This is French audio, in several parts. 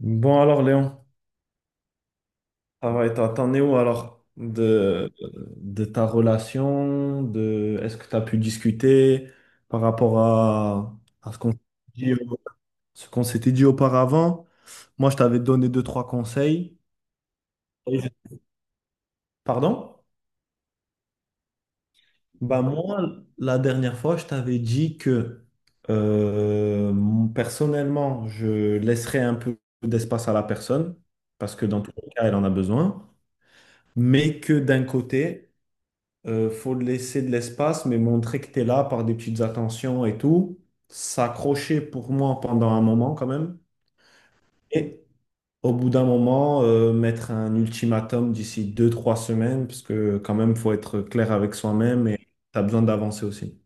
Bon alors Léon, ça va? Et toi, t'en es où alors de ta relation, de est-ce que tu as pu discuter par rapport à ce qu'on s'était dit auparavant? Moi, je t'avais donné deux, trois conseils. Et je- Pardon? Bah moi, la dernière fois, je t'avais dit que euh, personnellement, je laisserais un peu d'espace à la personne, parce que dans tous les cas, elle en a besoin, mais que d'un côté. Faut laisser de l'espace, mais montrer que tu es là par des petites attentions et tout. S'accrocher pour moi pendant un moment quand même. Et au bout d'un moment, mettre un ultimatum d'ici 2, 3 semaines, parce que quand même, faut être clair avec soi-même et tu as besoin d'avancer aussi.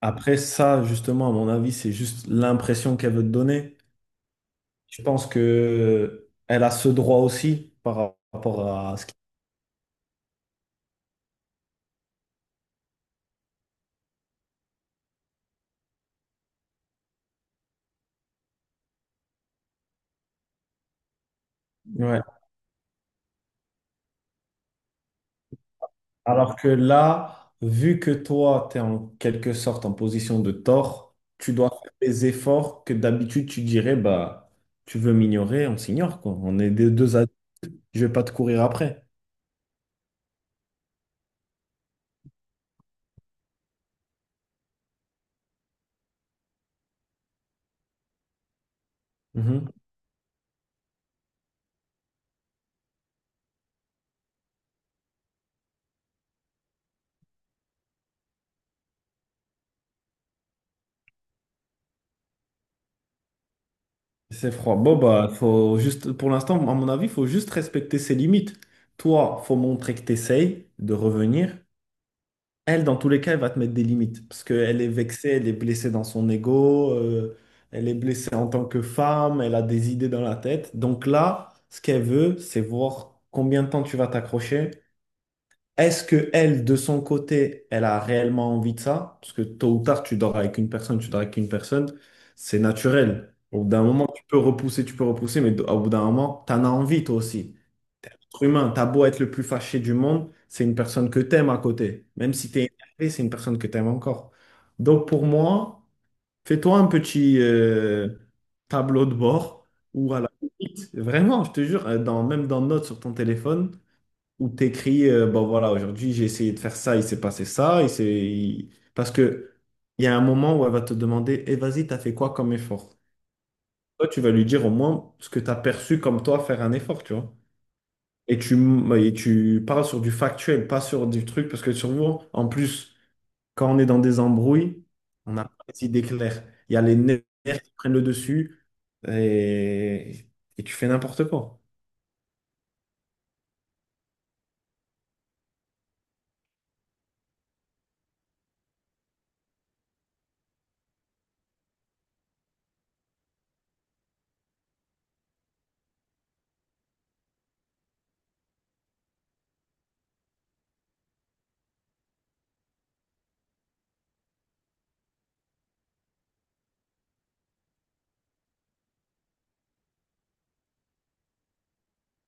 Après ça, justement, à mon avis, c'est juste l'impression qu'elle veut te donner. Je pense que elle a ce droit aussi par rapport à ce qui... Ouais. Alors que là, vu que toi, tu es en quelque sorte en position de tort, tu dois faire des efforts que d'habitude tu dirais, bah, tu veux m'ignorer, on s'ignore, quoi. On est des deux adultes, je vais pas te courir après. Mhm. C'est froid. Bon, bah, faut juste, pour l'instant, à mon avis, il faut juste respecter ses limites. Toi, faut montrer que tu essayes de revenir. Elle, dans tous les cas, elle va te mettre des limites parce qu'elle est vexée, elle est blessée dans son ego, elle est blessée en tant que femme, elle a des idées dans la tête. Donc là, ce qu'elle veut, c'est voir combien de temps tu vas t'accrocher. Est-ce que elle, de son côté, elle a réellement envie de ça? Parce que tôt ou tard, tu dors avec une personne, tu dors avec une personne, c'est naturel. Au bout d'un moment, tu peux repousser, mais au bout d'un moment, tu en as envie toi aussi être humain, t'as beau être le plus fâché du monde, c'est une personne que t'aimes à côté. Même si t'es énervé, c'est une personne que t'aimes encore. Donc pour moi, fais-toi un petit tableau de bord ou à la limite, vraiment, je te jure, dans, même dans notes sur ton téléphone, où t'écris, bon voilà, aujourd'hui j'ai essayé de faire ça, il s'est passé ça, parce que il y a un moment où elle va te demander, eh vas-y, t'as fait quoi comme effort? Toi, tu vas lui dire au moins ce que t'as perçu comme toi faire un effort, tu vois. Et tu parles sur du factuel, pas sur du truc, parce que souvent, en plus, quand on est dans des embrouilles, on n'a pas les idées claires. Il y a les nerfs qui prennent le dessus et, et tu fais n'importe quoi.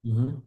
Mhm.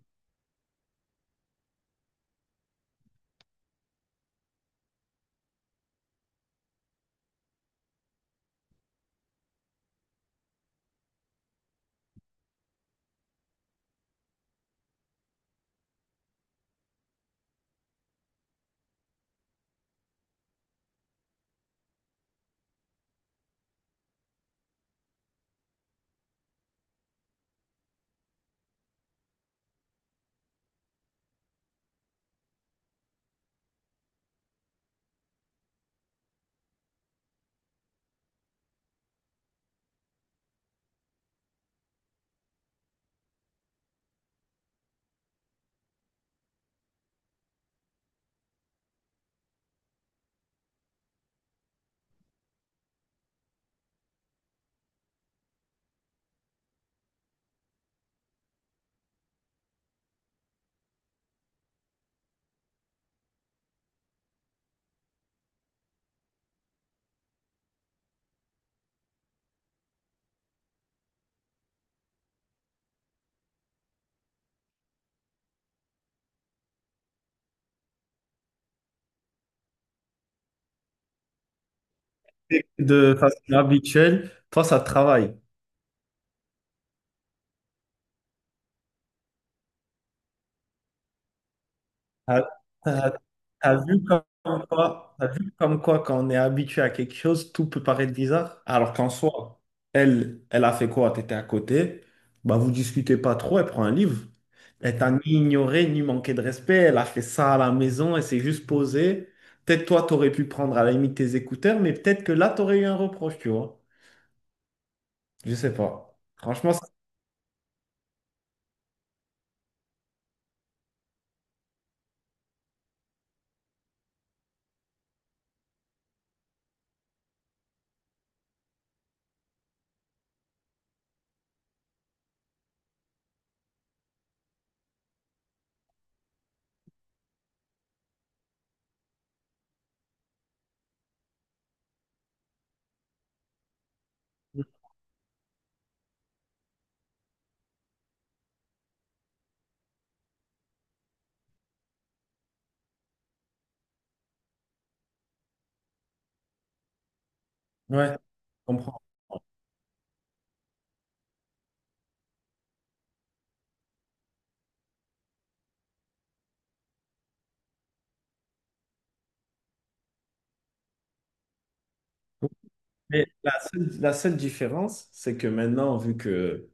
De façon habituelle, toi, ça travaille. T'as, t'as- t'as vu comme quoi, t'as vu comme quoi quand on est habitué à quelque chose, tout peut paraître bizarre. Alors qu'en soi, elle, elle a fait quoi? T'étais à côté, bah vous discutez pas trop, elle prend un livre. Elle t'a ni ignoré, ni manqué de respect. Elle a fait ça à la maison, elle s'est juste posée. Peut-être toi, t'aurais pu prendre à la limite tes écouteurs, mais peut-être que là, t'aurais eu un reproche, tu vois. Je sais pas. Franchement, ouais, je comprends. Mais la seule différence, c'est que maintenant, vu que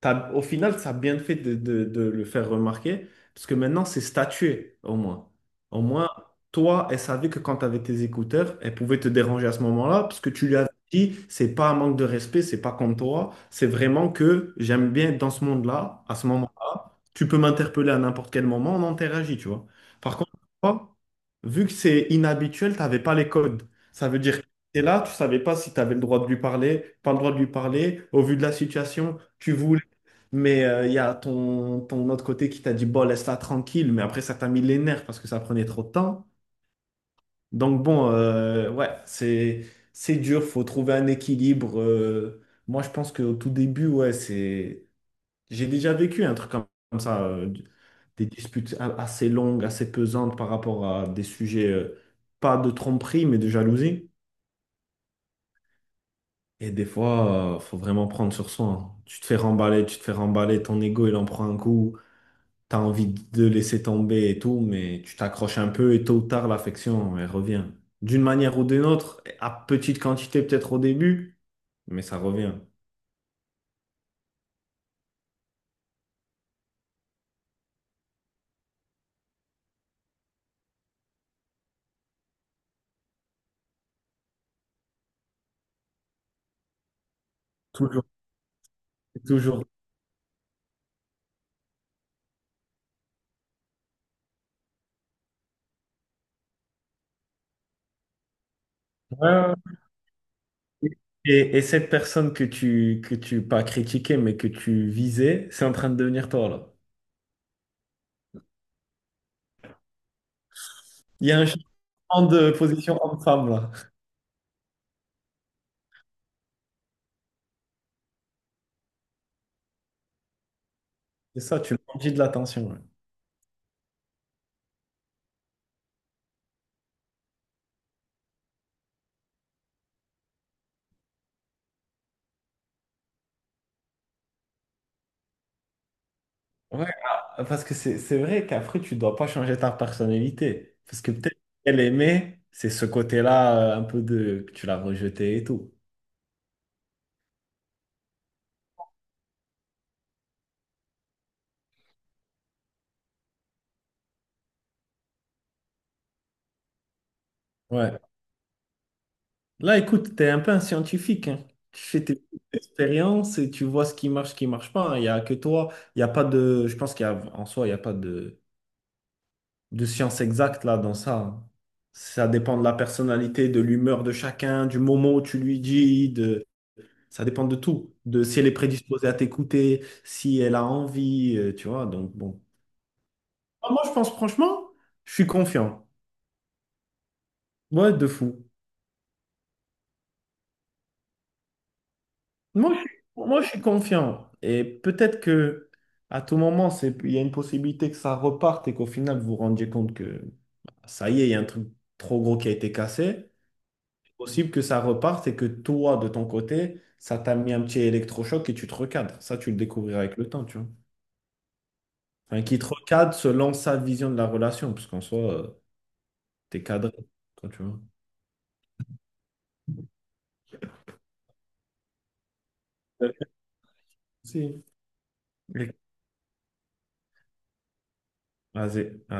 au final, ça a bien fait de, de le faire remarquer, parce que maintenant, c'est statué, au moins. Au moins, toi, elle savait que quand tu avais tes écouteurs, elle pouvait te déranger à ce moment-là, parce que tu lui avais dit, c'est pas un manque de respect, c'est pas comme toi, c'est vraiment que j'aime bien être dans ce monde-là, à ce moment-là, tu peux m'interpeller à n'importe quel moment, on interagit, tu vois. Par contre, toi, vu que c'est inhabituel, tu n'avais pas les codes. Ça veut dire, t'es là, tu savais pas si tu avais le droit de lui parler, pas le droit de lui parler. Au vu de la situation, tu voulais. Mais il y a ton autre côté qui t'a dit, bon, laisse-la tranquille. Mais après, ça t'a mis les nerfs parce que ça prenait trop de temps. Donc bon, ouais, c'est dur, faut trouver un équilibre. Moi, je pense qu'au tout début, ouais, c'est... J'ai déjà vécu un truc comme ça, des disputes assez longues, assez pesantes par rapport à des sujets, pas de tromperie, mais de jalousie. Et des fois, faut vraiment prendre sur soi. Hein. Tu te fais remballer, tu te fais remballer, ton ego, il en prend un coup. T'as envie de laisser tomber et tout, mais tu t'accroches un peu et tôt ou tard, l'affection, elle revient. D'une manière ou d'une autre, à petite quantité peut-être au début, mais ça revient. Toujours. Toujours. Ouais, ouais. Et cette personne que tu, pas critiquais, mais que tu visais, c'est en train de devenir toi, là. Il y a un changement de position homme-femme, là. C'est ça, tu manges de l'attention, là. Ouais, ah, parce que c'est vrai qu'après, tu dois pas changer ta personnalité. Parce que peut-être qu'elle aimait, c'est ce côté-là, un peu de que tu l'as rejeté et tout. Ouais. Là, écoute, tu es un peu un scientifique, hein. Tu fais tes expériences et tu vois ce qui marche pas. Hein. Il n'y a que toi. Il y a pas de. Je pense qu'il y a en soi, il n'y a pas de, de science exacte là dans ça. Hein. Ça dépend de la personnalité, de l'humeur de chacun, du moment où tu lui dis, de, ça dépend de tout, de si elle est prédisposée à t'écouter, si elle a envie, tu vois. Donc bon. Ah, moi, je pense franchement, je suis confiant. Ouais, de fou. Moi, je suis, moi, je suis confiant. Et peut-être que à tout moment, c'est, il y a une possibilité que ça reparte et qu'au final, vous vous rendiez compte que bah, ça y est, il y a un truc trop gros qui a été cassé. C'est possible que ça reparte et que toi, de ton côté, ça t'a mis un petit électrochoc et tu te recadres. Ça, tu le découvriras avec le temps, tu vois. Enfin, qui te recadre selon sa vision de la relation, parce qu'en soi, t'es cadré quand tu vois. Si. Vas-y.